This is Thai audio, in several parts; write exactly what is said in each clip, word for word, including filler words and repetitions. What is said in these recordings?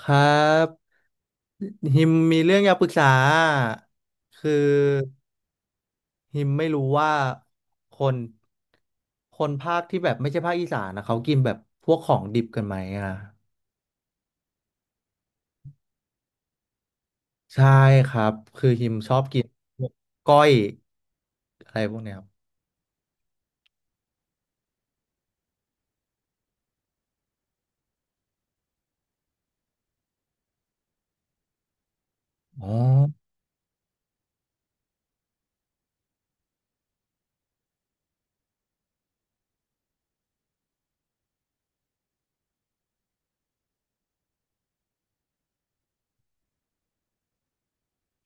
ครับฮิมมีเรื่องอยากปรึกษาคือฮิมไม่รู้ว่าคนคนภาคที่แบบไม่ใช่ภาคอีสานนะเขากินแบบพวกของดิบกันไหมอ่ะใช่ครับคือฮิมชอบกินพวกก้อยอะไรพวกเนี้ยครับอ๋อ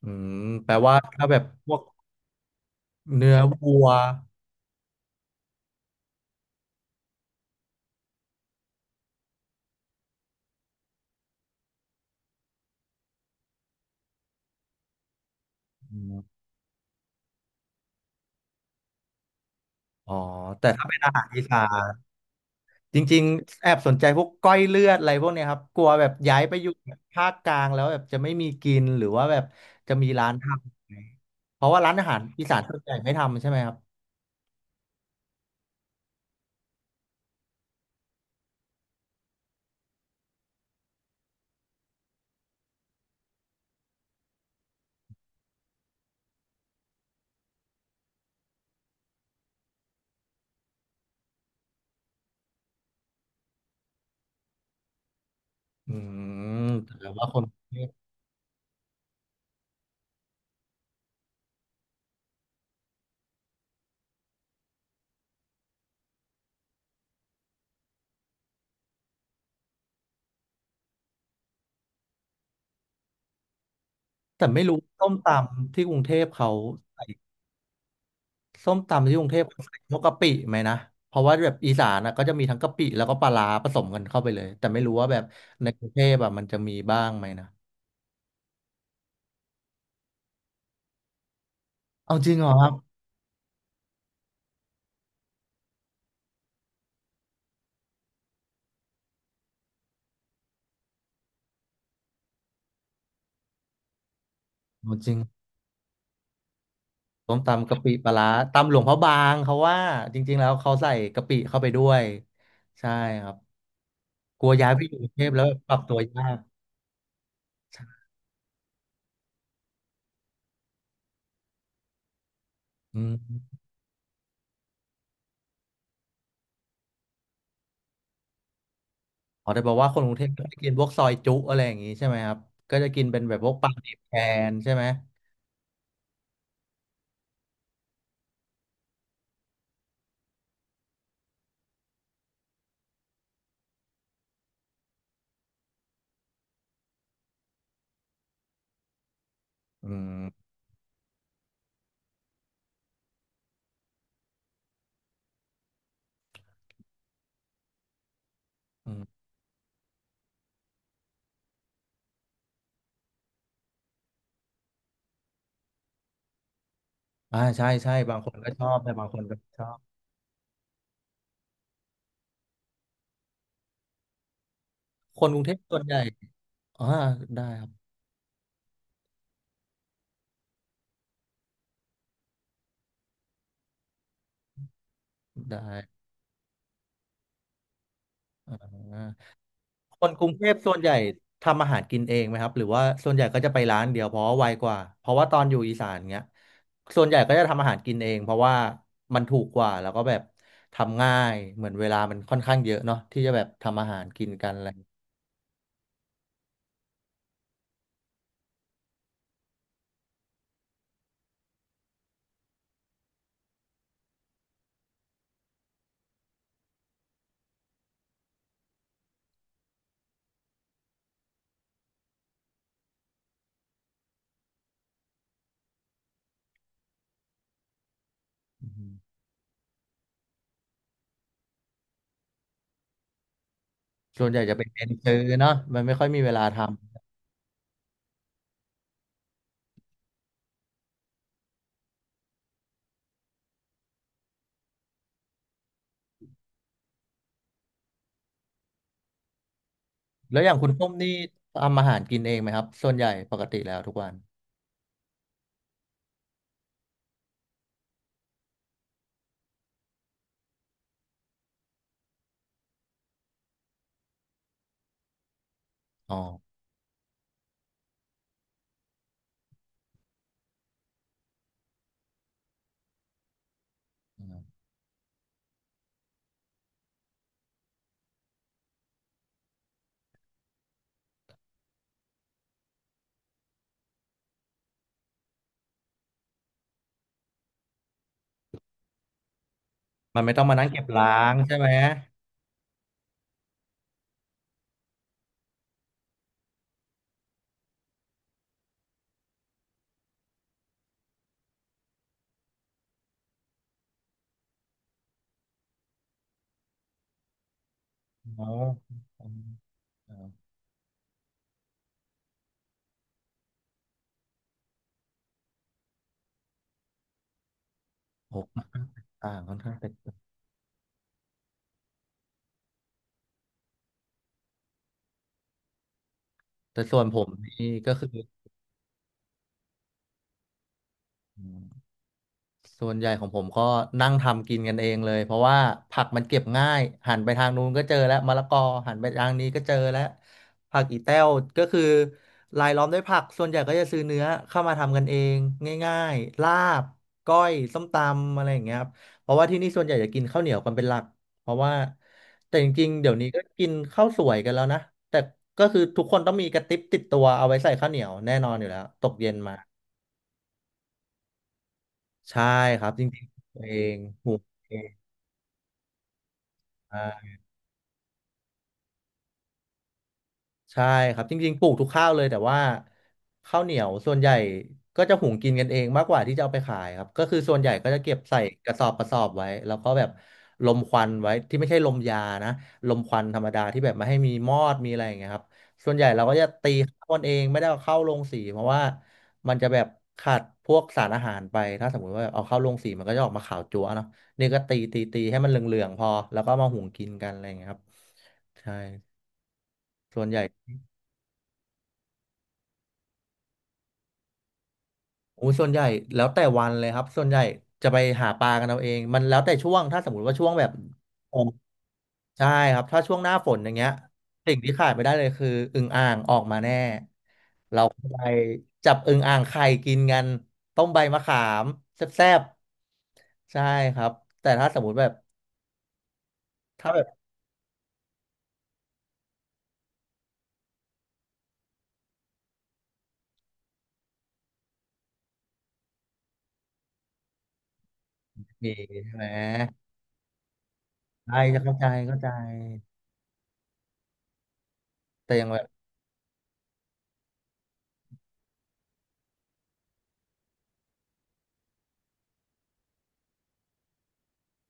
อืมแปลว่าถ้าแบบพวกเนื้อวัวอมอ๋อแต่ถ้าเป็นอาหารอีสาน จริงๆแอบสนใจพวกก้อยเลือดอะไรพวกเนี้ยครับกลัวแบบย้ายไปอยู่ภาคกลางแล้วแบบจะไม่มีกินหรือว่าแบบจะมีร้านทำเพราะว่าร้านอาหารอีสานส่วนใหญ่ไม่ทำใช่ไหมครับอืมแต่ว่าคนกรุงเทพแต่ไม่รู้ส้มตำที่กรุงเทพเขาใส่ส้มตำที่กรุงเทพเขาใส่พวกกะปิไหมนะเพราะว่าแบบอีสานนะก็จะมีทั้งกะปิแล้วก็ปลาร้าผสมกันเข้าไปเลยแต่ไม่รู้ว่าแบบในกรุงเทพแบบมันจะมีบ้างไหมนะเอาจริงเหรอครับเอาจริง ส้มตำกะปิปลาร้าตำหลวงพระบางเขาว่าจริงๆแล้วเขาใส่กะปิเข้าไปด้วยใช่ครับกลัวย้ายไปอยู่กรุงเทพแล้วปรับตัวยากใช่อืมอ๋อแต่บอกว่าคนกรุงเทพก็จะกินพวกซอยจุอะไรอย่างงี้ใช่ไหมครับก็จะกินเป็นแบบพวกปลาดิบแทนใช่ไหมอืมอืมอ่าใช่ใช่บางคนก็ชอบแต่บางคนก็ไม่ชอบคนกรุงเทพส่วนใหญ่อ่าได้ครับได้อ่า คนกรุงเทพส่วนใหญ่ทำอาหารกินเองไหมครับหรือว่าส่วนใหญ่ก็จะไปร้านเดียวเพราะว่าไวกว่าเพราะว่าตอนอยู่อีสานเงี้ยส่วนใหญ่ก็จะทำอาหารกินเองเพราะว่ามันถูกกว่าแล้วก็แบบทำง่ายเหมือนเวลามันค่อนข้างเยอะเนาะที่จะแบบทำอาหารกินกันอะไรอืมส่วนใหญ่จะเป็นเน้นซื้อเนาะมันไม่ค่อยมีเวลาทำแล้วอย่างคุณส้มนี่ทำอาหารกินเองไหมครับส่วนใหญ่ปกติแล้วทุกวันอ๋ออืมมันไม่ต้องมานั่งเก็บล้างใช่ไหมอ๋อโออ๋อโอ้ต่างค่อนข้างแตก แต่ส่วนผมนี่ก็คืออืมส่วนใหญ่ของผมก็นั่งทำกินกันเองเลยเพราะว่าผักมันเก็บง่ายหันไปทางนู้นก็เจอแล้วมะละกอหันไปทางนี้ก็เจอแล้วผักอีแต้วก็คือรายล้อมด้วยผักส่วนใหญ่ก็จะซื้อเนื้อเข้ามาทำกันเองง่ายๆลาบก้อยส้มตำอะไรอย่างเงี้ยครับเพราะว่าที่นี่ส่วนใหญ่จะกินข้าวเหนียวกันเป็นหลักเพราะว่าแต่จริงๆเดี๋ยวนี้ก็กินข้าวสวยกันแล้วนะแต่ก็คือทุกคนต้องมีกระติบติดตัวเอาไว้ใส่ข้าวเหนียวแน่นอนอยู่แล้วตกเย็นมา ใช่ครับจริงๆตัวเองปลูกเองใช่ ใช่ครับจริงๆปลูกทุกข้าวเลยแต่ว่าข้าวเหนียวส่วนใหญ่ก็จะหุงกินกันเองมากกว่าที่จะเอาไปขายครับก็คือส่วนใหญ่ก็จะเก็บใส่กระสอบกระสอบไว้แล้วก็แบบลมควันไว้ที่ไม่ใช่ลมยานะลมควันธรรมดาที่แบบไม่ให้มีมอดมีอะไรอย่างเงี้ยครับส่วนใหญ่เราก็จะตีข้าวกันเองไม่ได้เอาเข้าโรงสีเพราะว่ามันจะแบบขาดพวกสารอาหารไปถ้าสมมุติว่าเอาเข้าโรงสีมันก็จะออกมาขาวจั๊วเนาะนี่ก็ตีตีตีให้มันเหลืองๆพอแล้วก็มาหุงกินกันอะไรอย่างเงี้ยครับใช่ส่วนใหญ่ โอ้ส่วนใหญ่แล้วแต่วันเลยครับส่วนใหญ่จะไปหาปลากันเอาเองมันแล้วแต่ช่วงถ้าสมมติว่าช่วงแบบโอ้ใช่ครับถ้าช่วงหน้าฝนอย่างเงี้ยสิ่งที่ขาดไม่ได้เลยคืออึ่งอ่างออกมาแน่ไปจับอึ่งอ่างไข่กินกันต้มใบมะขามแซ่บๆใช่ครับแต่ถ้าสมมติแบบถ้าแบบมีใช่ไหมใช่จะเข้าใจเข้าใจแต่อย่างแบบ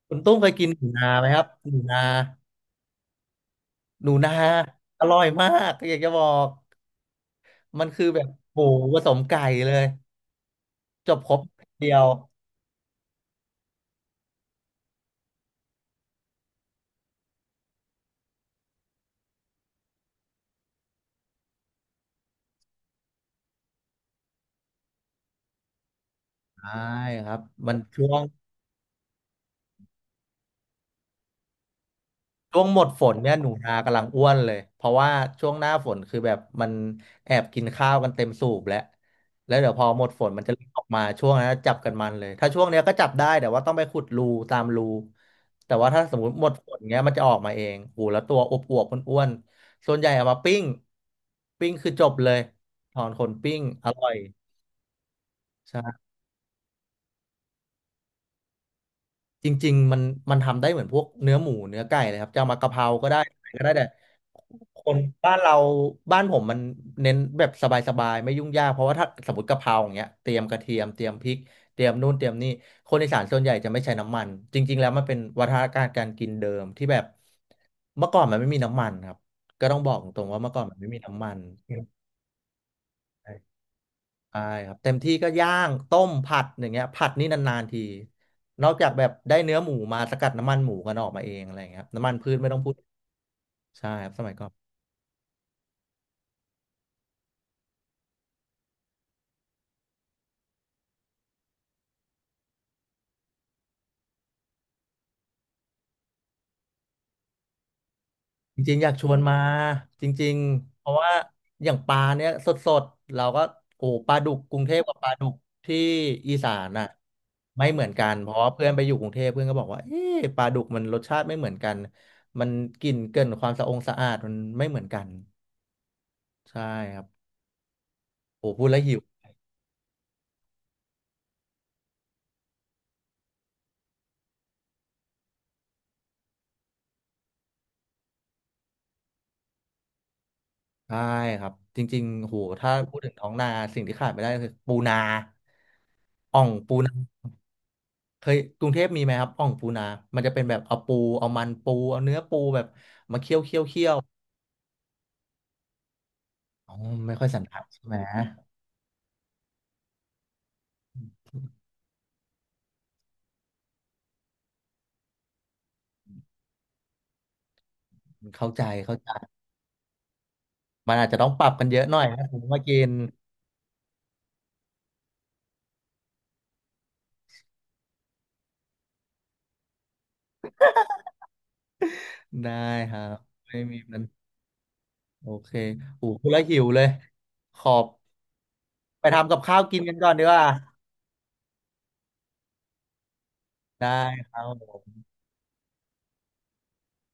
คุณตุ้มเคยกินหนูนาไหมครับหนูนาหนูนาอร่อยมากอยากจะบอก มันคือแบบหมูผสมไก่เลยจบครบเดียวใช่ครับมันช่วงช่วงหมดฝนเนี่ยหนูนากำลังอ้วนเลยเพราะว่าช่วงหน้าฝนคือแบบมันแอบกินข้าวกันเต็มสูบแล้วแล้วเดี๋ยวพอหมดฝนมันจะเริ่มออกมาช่วงนั้นจับกันมันเลยถ้าช่วงเนี้ยก็จับได้แต่ว่าต้องไปขุดรูตามรูแต่ว่าถ้าสมมติหมดฝนเงี้ยมันจะออกมาเองโอ้แล้วตัวอวบอวบอ้วนๆส่วนใหญ่เอามาปิ้งปิ้งคือจบเลยถอนขนปิ้งอร่อยใช่ จริงๆมันมันทำได้เหมือนพวกเนื้อหมูเนื้อไก่เลยครับจะเอามากะเพราก็ได้อะไรก็ได้แต่คนบ้านเราบ้านผมมันเน้นแบบสบายๆไม่ยุ่งยากเพราะว่าถ้าสมมติกะเพราอย่างเงี้ยเตรียมกระเทียมเตรียมพริกเตรียมนู่นเตรียมนี่คนอีสานส่วนใหญ่จะไม่ใช้น้ำมันจริงๆแล้วมันเป็นวัฒนธรรมการกินเดิมที่แบบเมื่อก่อนมันไม่มีน้ำมันครับก็ต้องบอกตรงๆว่าเมื่อก่อนมันไม่มีน้ำมัน ใช่ครับเต็มที่ก็ย่างต้มผัดอย่างเงี้ยผัดนี่นานๆทีนอกจากแบบได้เนื้อหมูมาสกัดน้ำมันหมูกันออกมาเองอะไรอย่างเงี้ยครับน้ำมันพืชไม่ต้องพูดใช่ครับสมัยก่อนจริงๆอยากชวนมาจริงๆเพราะว่าอย่างปลาเนี้ยสดๆเราก็โอ้ปลาดุกกรุงเทพกับปลาดุกที่อีสานน่ะไม่เหมือนกันเพราะว่าเพื่อนไปอยู่กรุงเทพเพื่อนก็บอกว่าเอ๊ะปลาดุกมันรสชาติไม่เหมือนกันมันกลิ่นเกินความสะองสะอาดมันไม่เหมือนกันใช่ครับโอ้พูดแล้วหิว ใช่ครับจริงๆโหถ้าพูดถึงท้องนาสิ่งที่ขาดไม่ได้คือปูนาอ่องปูนาเคยกรุงเทพมีไหมครับอ่องปูนามันจะเป็นแบบเอาปูเอามันปูเอาเนื้อปูแบบมาเคี่ยวเคี่ยวเคี่ยวอ๋อไม่ค่อยสันทัดใช่ไหมเข้าใจเข้าใจมันอาจจะต้องปรับกันเยอะหน่อยนะผมมากินได้ครับไม่มีมันโอเคโอ้โหพูดแล้วหิวเลยขอบไปทำกับข้าวกินกันก่อนดีกว่าได้ครับ